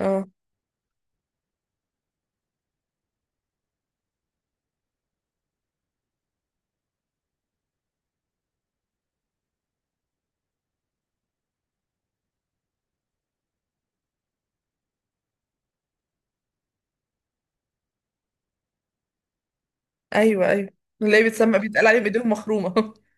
اه، ايوه، ايوه، اللي هي بتسمى بيتقال عليه بايديهم مخرومه.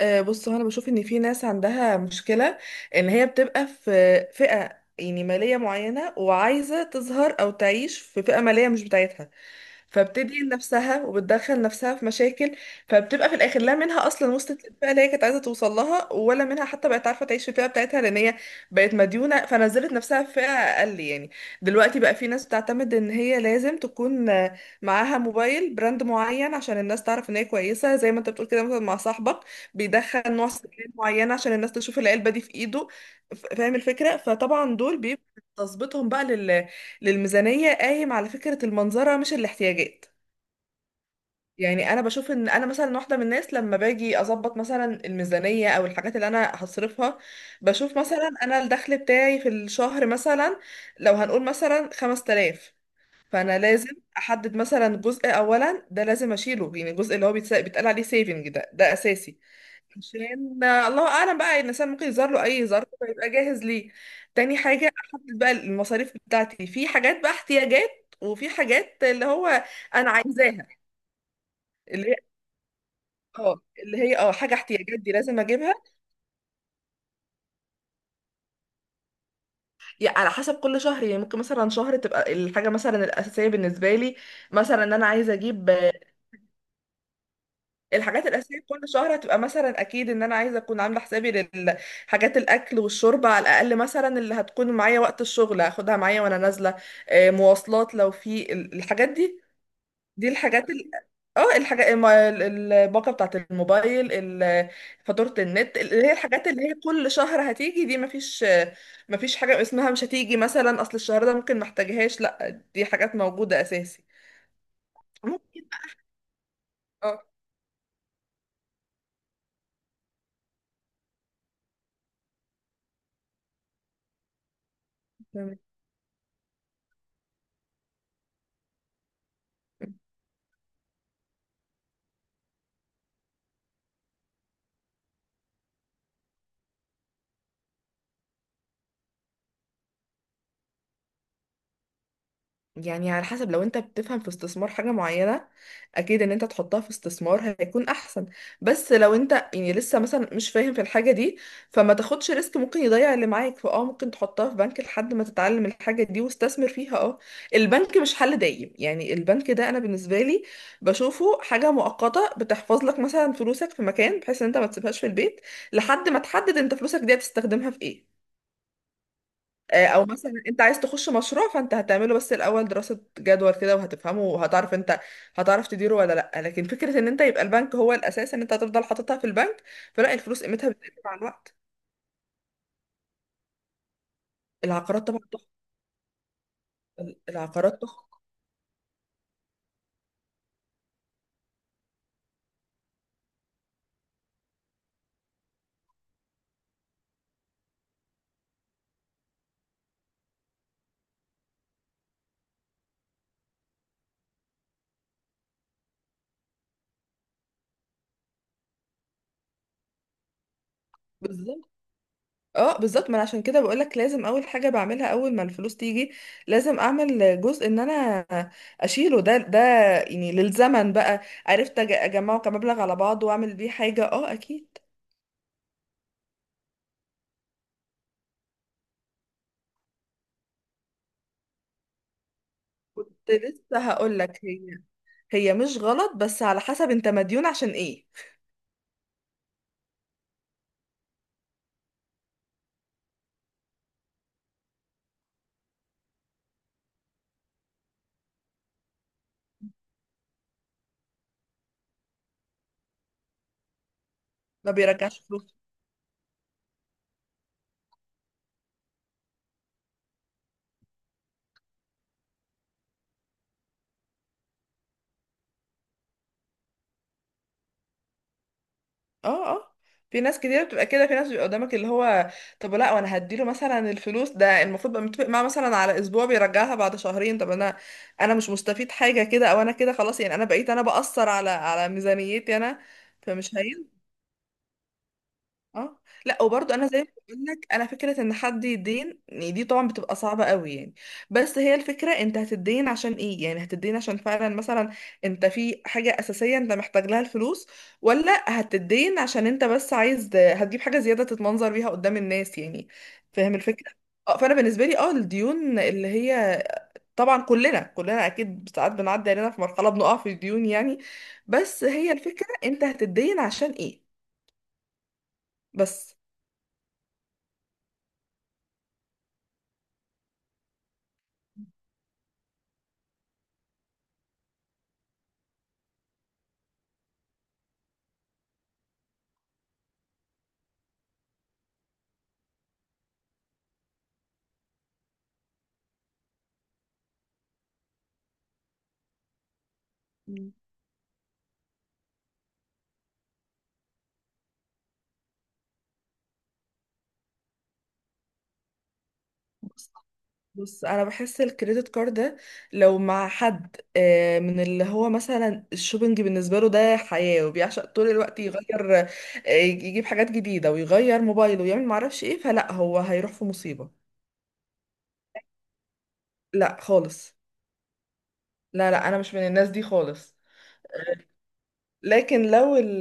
بص هو انا بشوف ان في ناس عندها مشكله، ان هي بتبقى في فئه يعني ماليه معينه وعايزه تظهر او تعيش في فئه ماليه مش بتاعتها. فبتدين نفسها وبتدخل نفسها في مشاكل، فبتبقى في الاخر لا منها اصلا وصلت للفئه اللي هي كانت عايزه توصل لها، ولا منها حتى بقت عارفه تعيش في الفئه بتاعتها، لان هي بقت مديونه فنزلت نفسها في فئه اقل يعني. دلوقتي بقى في ناس بتعتمد ان هي لازم تكون معاها موبايل براند معين عشان الناس تعرف ان هي كويسه، زي ما انت بتقول كده مثلا مع صاحبك، بيدخل نوع سكين معين عشان الناس تشوف العلبه دي في ايده. فاهم الفكره، فطبعا دول بيبقى تظبيطهم بقى للميزانية قايم على فكرة المنظرة مش الاحتياجات. يعني انا بشوف ان انا مثلا واحدة من الناس، لما باجي اظبط مثلا الميزانية او الحاجات اللي انا هصرفها، بشوف مثلا انا الدخل بتاعي في الشهر مثلا لو هنقول مثلا 5000، فانا لازم احدد مثلا جزء اولا ده لازم اشيله، يعني الجزء اللي هو بيتقال عليه سيفنج، ده اساسي عشان الله اعلم بقى، الانسان ممكن يظهر له اي ظرف فيبقى جاهز ليه. تاني حاجه احدد بقى المصاريف بتاعتي، في حاجات بقى احتياجات وفي حاجات اللي هو انا عايزاها. اللي هي اه اللي هي حاجه احتياجات دي لازم اجيبها. يعني على حسب كل شهر، يعني ممكن مثلا شهر تبقى الحاجه مثلا الاساسيه بالنسبه لي مثلا ان انا عايزه اجيب. الحاجات الاساسيه كل شهر هتبقى مثلا، اكيد ان انا عايزه اكون عامله حسابي للحاجات، الاكل والشرب على الاقل مثلا، اللي هتكون معايا وقت الشغل هاخدها معايا وانا نازله. مواصلات، لو في الحاجات دي، دي الحاجات الباقه بتاعت الموبايل، ال- فاتوره النت، اللي هي الحاجات اللي هي كل شهر هتيجي دي. مفيش، مفيش حاجه اسمها مش هتيجي مثلا، اصل الشهر ده ممكن محتاجهاش، لا دي حاجات موجوده اساسي. ممكن، اه، تمام. يعني على حسب، لو انت بتفهم في استثمار حاجة معينة، اكيد ان انت تحطها في استثمار هيكون احسن. بس لو انت يعني لسه مثلا مش فاهم في الحاجة دي، فما تاخدش ريسك، ممكن يضيع اللي معاك، فاه ممكن تحطها في بنك لحد ما تتعلم الحاجة دي واستثمر فيها. اه، البنك مش حل دايم، يعني البنك ده انا بالنسبة لي بشوفه حاجة مؤقتة، بتحفظ لك مثلا فلوسك في مكان بحيث ان انت ما تسيبهاش في البيت، لحد ما تحدد انت فلوسك دي هتستخدمها في ايه. او مثلا انت عايز تخش مشروع، فانت هتعمله بس الاول دراسة جدوى كده، وهتفهمه وهتعرف انت، هتعرف تديره ولا لا. لكن فكرة ان انت يبقى البنك هو الاساس ان انت هتفضل حاططها في البنك، فلا، الفلوس قيمتها بتقل مع الوقت. العقارات طبعا تحفة، العقارات تحفة. بالظبط، اه بالظبط، ما انا عشان كده بقول لك لازم اول حاجة بعملها اول ما الفلوس تيجي، لازم اعمل جزء ان انا اشيله، ده يعني للزمن بقى، عرفت اجمعه كمبلغ على بعضه واعمل بيه حاجة. اه اكيد. كنت لسه هقول لك، هي مش غلط، بس على حسب انت مديون عشان ايه. ما بيرجعش فلوس. اه، اه، في ناس كتير بتبقى كده، في ناس بيبقى قدامك اللي هو، طب لا وانا هديله مثلا الفلوس ده، المفروض بقى متفق معاه مثلا على اسبوع بيرجعها بعد شهرين، طب انا مش مستفيد حاجة كده، او انا كده خلاص، يعني انا بقيت انا بأثر على ميزانيتي انا، فمش هينفع. اه. لا وبرضه انا زي ما بقول لك، انا فكره ان حد يدين يعني، دي طبعا بتبقى صعبه قوي يعني، بس هي الفكره انت هتدين عشان ايه، يعني هتدين عشان فعلا مثلا انت في حاجه اساسيه انت محتاج لها الفلوس، ولا هتدين عشان انت بس عايز هتجيب حاجه زياده تتمنظر بيها قدام الناس يعني، فاهم الفكره. اه، فانا بالنسبه لي اه الديون اللي هي طبعا، كلنا اكيد ساعات بنعدي علينا في مرحله بنقع في الديون يعني، بس هي الفكره انت هتدين عشان ايه بس. مم. بص، انا بحس الكريدت كارد ده، لو مع حد من اللي هو مثلا الشوبينج بالنسبه له ده حياه وبيعشق طول الوقت يغير، يجيب حاجات جديده ويغير موبايله ويعمل معرفش ايه، فلا هو هيروح في مصيبه. لا خالص. لا، لا، انا مش من الناس دي خالص. لكن لو ال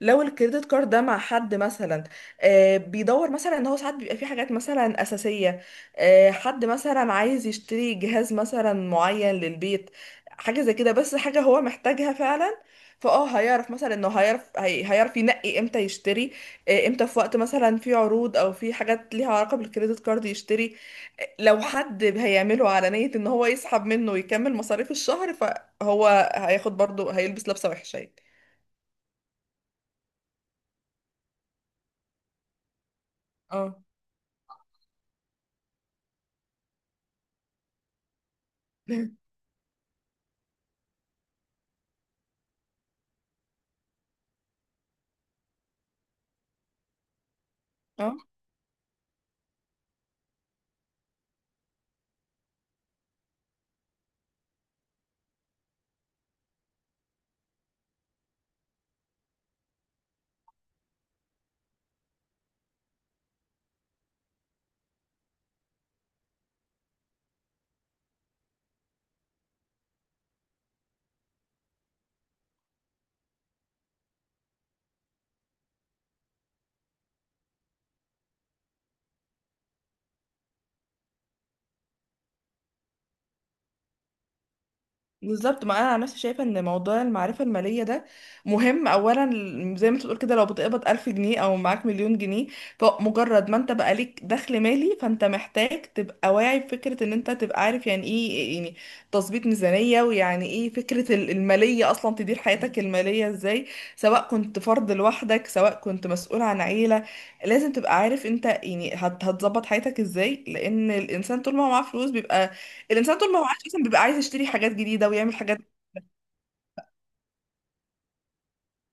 لو الكريدت كارد ده مع حد مثلا بيدور مثلا، ان هو ساعات بيبقى فيه حاجات مثلا اساسيه، حد مثلا عايز يشتري جهاز مثلا معين للبيت، حاجه زي كده بس حاجه هو محتاجها فعلا، فاه هيعرف مثلا انه هيعرف، هيعرف ينقي امتى يشتري، امتى في وقت مثلا في عروض او في حاجات ليها علاقه بالكريدت كارد يشتري. لو حد هيعمله على نيه ان هو يسحب منه ويكمل مصاريف الشهر، فهو هياخد برضه هيلبس لبسه وحشه يعني. اه. اه بالظبط، ما انا عن نفسي شايفه ان موضوع المعرفه الماليه ده مهم اولا، زي ما انت بتقول كده، لو بتقبض ألف جنيه او معاك مليون جنيه، فمجرد ما انت بقى ليك دخل مالي، فانت محتاج تبقى واعي بفكره ان انت تبقى عارف يعني ايه يعني تظبيط ميزانيه، ويعني ايه فكره الماليه اصلا، تدير حياتك الماليه ازاي، سواء كنت فرد لوحدك سواء كنت مسؤول عن عيله. لازم تبقى عارف انت يعني هتظبط حياتك ازاي، لان الانسان طول ما هو معاه فلوس بيبقى، الانسان طول ما هو عايش اصلا بيبقى عايز يشتري حاجات جديده ويعمل حاجات.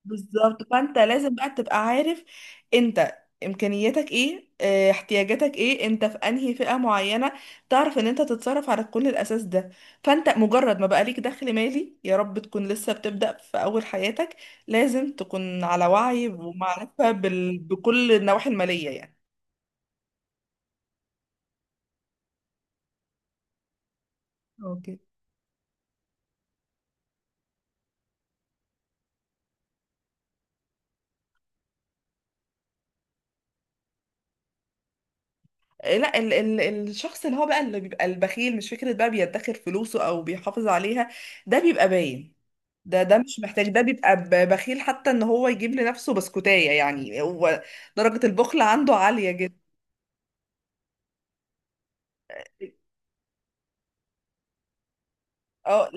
بالظبط، فانت لازم بقى تبقى عارف انت امكانياتك ايه، اه، احتياجاتك ايه، انت في انهي فئه معينه، تعرف ان انت تتصرف على كل الاساس ده. فانت مجرد ما بقى ليك دخل مالي، يا رب تكون لسه بتبدا في اول حياتك، لازم تكون على وعي ومعرفه بكل النواحي الماليه يعني. اوكي. لا، ال ال الشخص اللي هو بقى اللي بيبقى البخيل، مش فكرة بقى بيدخر فلوسه او بيحافظ عليها، ده بيبقى باين. ده مش محتاج، ده بيبقى بخيل حتى ان هو يجيب لنفسه بسكوتاية، يعني هو درجة البخل عنده عالية جدا. اه،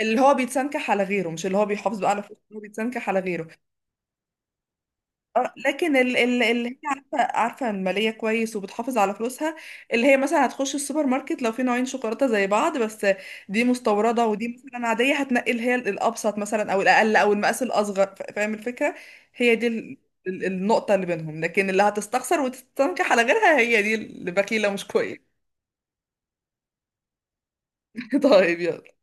اللي هو بيتسنكح على غيره، مش اللي هو بيحافظ بقى على فلوسه، اللي هو بيتسنكح على غيره. اه لكن اللي هي عارفه الماليه كويس وبتحافظ على فلوسها، اللي هي مثلا هتخش السوبر ماركت، لو في نوعين شوكولاته زي بعض، بس دي مستورده ودي مثلا عاديه، هتنقي اللي هي الابسط مثلا، او الاقل، او المقاس الاصغر، فاهم الفكره. هي دي النقطه اللي بينهم، لكن اللي هتستخسر وتستنكح على غيرها هي دي اللي بخيله مش كويس. طيب يلا.